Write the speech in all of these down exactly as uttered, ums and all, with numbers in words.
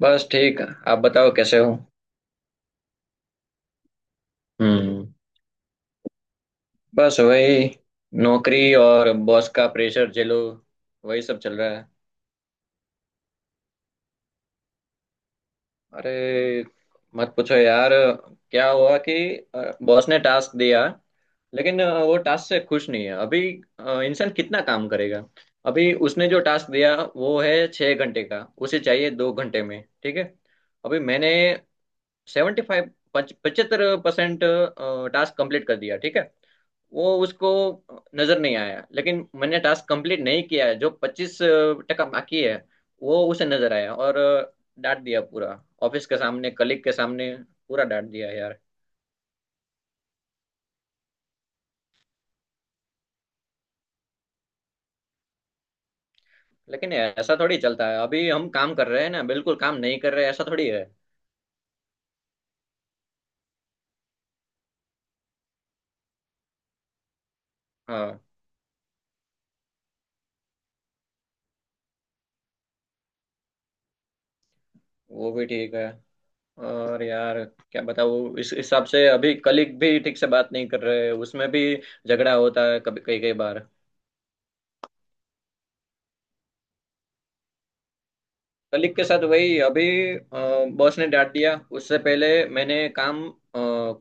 बस ठीक। आप बताओ कैसे हो। हम्म। बस वही, नौकरी और बॉस का प्रेशर झेलो। वही सब चल रहा है। अरे, मत पूछो यार। क्या हुआ कि बॉस ने टास्क दिया, लेकिन अ, वो टास्क से खुश नहीं है अभी। अ, इंसान कितना काम करेगा। अभी उसने जो टास्क दिया वो है छः घंटे का। उसे चाहिए दो घंटे में, ठीक है। अभी मैंने सेवेंटी फाइव पचहत्तर परसेंट टास्क कंप्लीट कर दिया, ठीक है। वो उसको नजर नहीं आया, लेकिन मैंने टास्क कंप्लीट नहीं किया है जो पच्चीस टका बाकी है, वो उसे नजर आया और अ, डांट दिया पूरा, ऑफिस के सामने, कलीग के सामने, पूरा डांट दिया यार। लेकिन ऐसा थोड़ी चलता है, अभी हम काम कर रहे हैं ना, बिल्कुल काम नहीं कर रहे ऐसा थोड़ी है। हाँ, वो भी ठीक है। और यार क्या बताऊँ, इस हिसाब से अभी कलीग भी ठीक से बात नहीं कर रहे, उसमें भी झगड़ा होता है कभी, कई कई बार। कलिक के साथ वही, अभी बॉस ने डांट दिया। उससे पहले मैंने काम अ,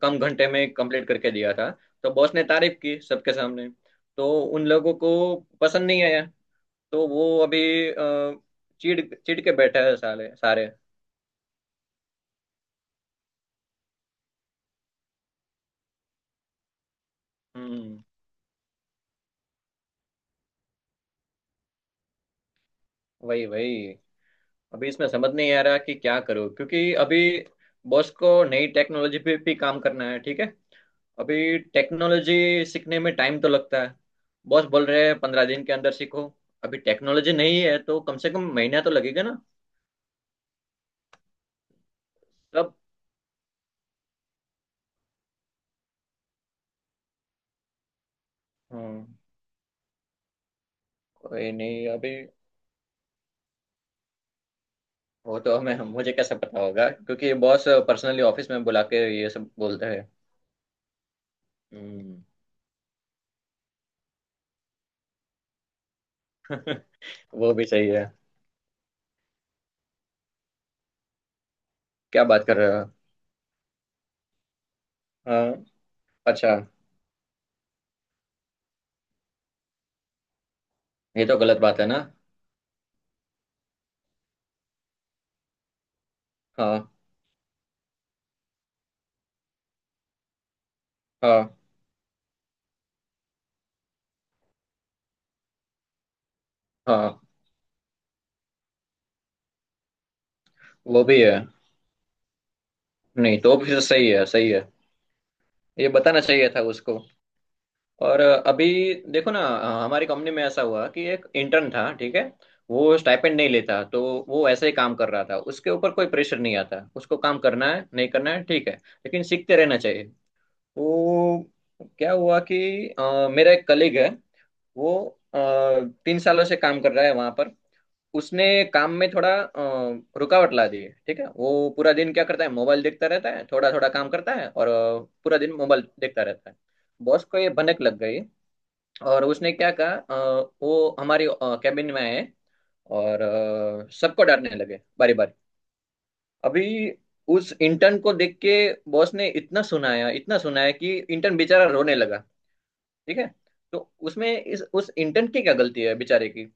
कम घंटे में कंप्लीट करके दिया था, तो बॉस ने तारीफ की सबके सामने। तो उन लोगों को पसंद नहीं आया। तो वो अभी अ, चिढ़ चिढ़ के बैठे हैं साले सारे। हम्म। वही वही। अभी इसमें समझ नहीं आ रहा कि क्या करूं, क्योंकि अभी बॉस को नई टेक्नोलॉजी पे भी काम करना है, ठीक है। अभी टेक्नोलॉजी सीखने में टाइम तो लगता है। बॉस बोल रहे हैं पंद्रह दिन के अंदर सीखो। अभी टेक्नोलॉजी नहीं है तो कम से कम महीना तो लगेगा ना। तब। हम्म। कोई नहीं अभी। वो तो हमें हम मुझे कैसे पता होगा, क्योंकि बॉस पर्सनली ऑफिस में बुला के ये सब बोलते हैं। हम्म। वो भी सही है। क्या बात कर रहे हो। हाँ। अच्छा। ये तो गलत बात है ना। हाँ। हाँ। हाँ, वो भी है। नहीं, तो भी तो सही है, सही है। ये बताना चाहिए था उसको। और अभी देखो ना, हमारी कंपनी में ऐसा हुआ कि एक इंटर्न था, ठीक है। वो स्टाइपेंड नहीं लेता, तो वो ऐसे ही काम कर रहा था। उसके ऊपर कोई प्रेशर नहीं आता, उसको काम करना है नहीं करना है, ठीक है, लेकिन सीखते रहना चाहिए। वो, क्या हुआ कि अ, मेरा एक कलीग है। वो अ, तीन सालों से काम कर रहा है वहां पर। उसने काम में थोड़ा अ, रुकावट ला दी है, ठीक है। वो पूरा दिन क्या करता है, मोबाइल देखता रहता है, थोड़ा थोड़ा काम करता है और अ, पूरा दिन मोबाइल देखता रहता है। बॉस को ये भनक लग गई। और उसने क्या कहा, अ, वो हमारी कैबिन में आए और अ, सबको डांटने लगे बारी बारी। अभी उस इंटर्न को देख के बॉस ने इतना सुनाया इतना सुनाया कि इंटर्न बेचारा रोने लगा, ठीक है। तो उसमें इस उस इंटर्न की क्या गलती है बेचारे की।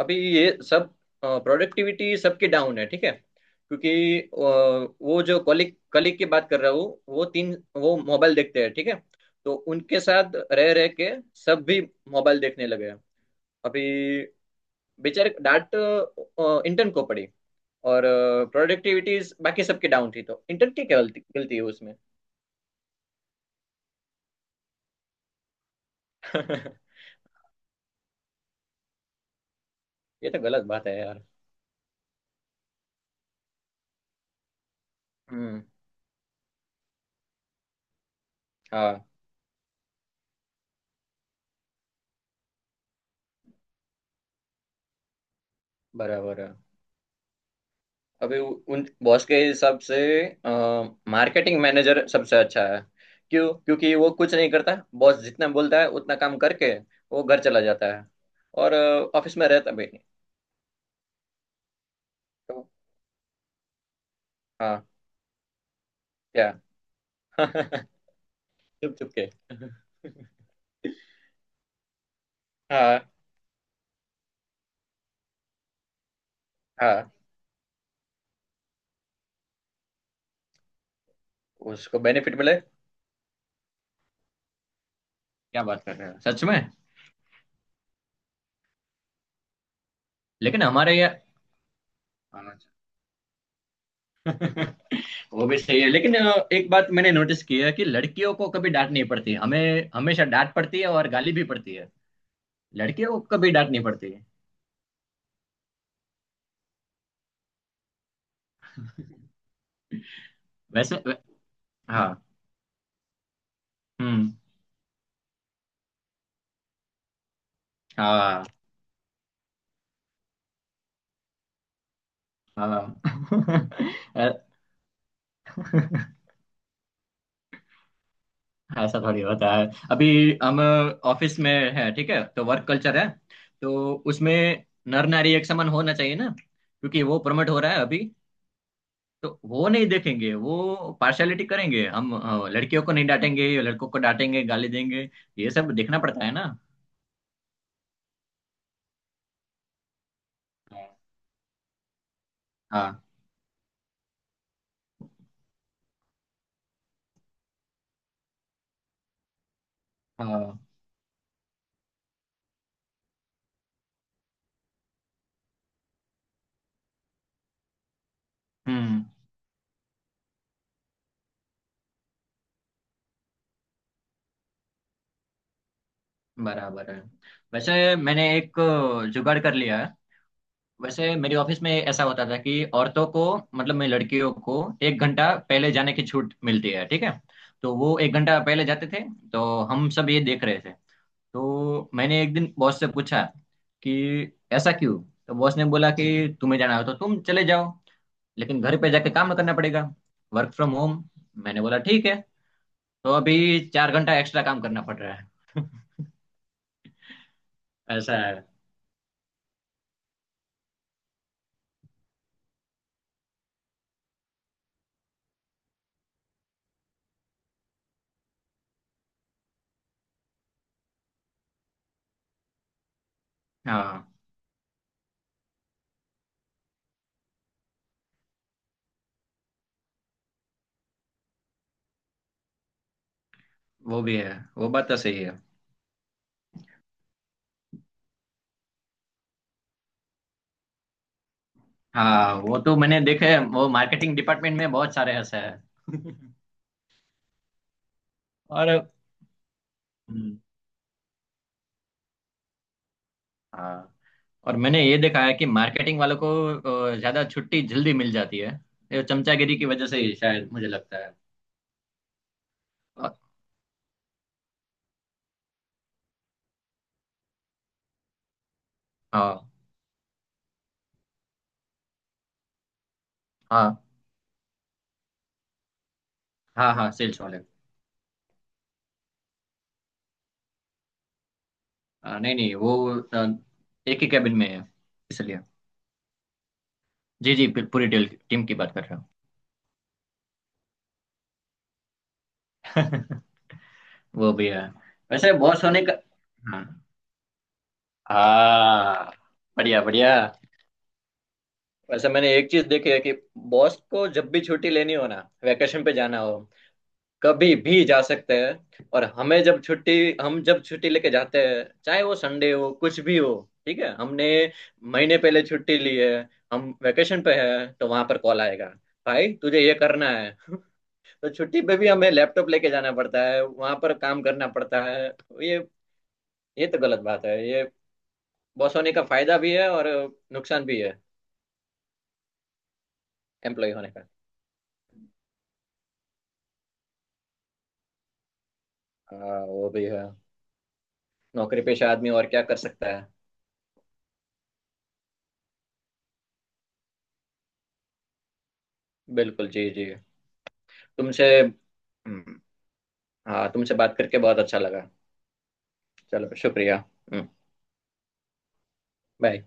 अभी ये सब प्रोडक्टिविटी सबकी डाउन है, ठीक है, क्योंकि अ, वो जो कलिक कलिक की बात कर रहा हूँ, वो तीन, वो मोबाइल देखते हैं, ठीक है। तो उनके साथ रह रह के सब भी मोबाइल देखने लगे हैं। अभी बेचारे डांट इंटर्न को पड़ी। और प्रोडक्टिविटीज बाकी सबकी डाउन थी, तो इंटर्न की क्या गलती गलती है उसमें। ये तो गलत बात है यार। हम्म। हाँ, बराबर है। अभी उ- उन बॉस के हिसाब से मार्केटिंग मैनेजर सबसे अच्छा है। क्यों, क्योंकि वो कुछ नहीं करता। बॉस जितना बोलता है उतना काम करके वो घर चला जाता है। और ऑफिस में रहता भी नहीं। तो हाँ। क्या चुप, चुप के हाँ। हाँ, उसको बेनिफिट मिले। क्या बात कर रहे हो सच में। लेकिन हमारे यहाँ हाँ। अच्छा। वो भी सही है, लेकिन अ, एक बात मैंने नोटिस की है कि लड़कियों को कभी डांट नहीं पड़ती, हमें हमेशा डांट पड़ती है और गाली भी पड़ती है। लड़कियों को कभी डांट नहीं पड़ती है। वैसे वे- हाँ। हम्म। हाँ। हाँ। ऐसा थोड़ी होता है अभी। हम ऑफिस में है, ठीक है, तो वर्क कल्चर है। तो उसमें नर नारी एक समान होना चाहिए ना, क्योंकि वो प्रमोट हो रहा है अभी। तो वो नहीं देखेंगे, वो पार्शलिटी करेंगे, हम अ, लड़कियों को नहीं डांटेंगे, लड़कों को डांटेंगे गाली देंगे। ये सब देखना पड़ता है ना। हाँ। हाँ। हाँ। हम्म। बराबर है। वैसे मैंने एक अ, जुगाड़ कर लिया है। वैसे मेरी ऑफिस में ऐसा होता था कि औरतों को, मतलब मैं लड़कियों को, एक घंटा पहले जाने की छूट मिलती है, ठीक है। तो वो एक घंटा पहले जाते थे। तो हम सब ये देख रहे थे। तो मैंने एक दिन बॉस से पूछा कि ऐसा क्यों। तो बॉस ने बोला कि तुम्हें जाना हो तो तुम चले जाओ, लेकिन घर पे जाके काम करना पड़ेगा, वर्क फ्रॉम होम। मैंने बोला ठीक है। तो अभी चार घंटा एक्स्ट्रा काम करना पड़ रहा है। ऐसा है। हाँ वो भी है, वो बात तो सही है। हाँ, वो तो मैंने देखे हैं, वो मार्केटिंग डिपार्टमेंट में बहुत सारे ऐसे हैं। और हम्म, हाँ। और मैंने ये देखा है कि मार्केटिंग वालों को अ, ज्यादा छुट्टी जल्दी मिल जाती है। ये चमचागिरी की वजह से ही शायद, मुझे लगता है। अ, हाँ। हाँ। हाँ। हाँ, सेल्स वाले। अ, नहीं नहीं, वो अ, एक ही कैबिन में है, इसलिए। जी जी, पू- पूरी टीम टीम की बात कर रहा हूँ। वो भी है। वैसे बॉस होने का। हाँ। हाँ। बढ़िया बढ़िया। वैसे मैंने एक चीज देखी है कि बॉस को जब भी छुट्टी लेनी हो ना, वेकेशन पे जाना हो, कभी भी जा सकते हैं। और हमें जब छुट्टी, हम जब छुट्टी लेके जाते हैं, चाहे वो संडे हो कुछ भी हो, ठीक है। हमने महीने पहले छुट्टी ली है, हम वेकेशन पे हैं, तो वहां पर कॉल आएगा, भाई तुझे ये करना है। तो छुट्टी पे भी हमें लैपटॉप लेके जाना पड़ता है, वहां पर काम करना पड़ता है। ये ये तो गलत बात है ये। बॉस होने का फायदा भी है और नुकसान भी है, एम्प्लॉय होने का। हाँ वो भी है। नौकरी पेशा आदमी और क्या कर सकता है। बिल्कुल जी जी। तुमसे। हम्म, हाँ, तुमसे बात करके बहुत अच्छा लगा। चलो शुक्रिया। बाय।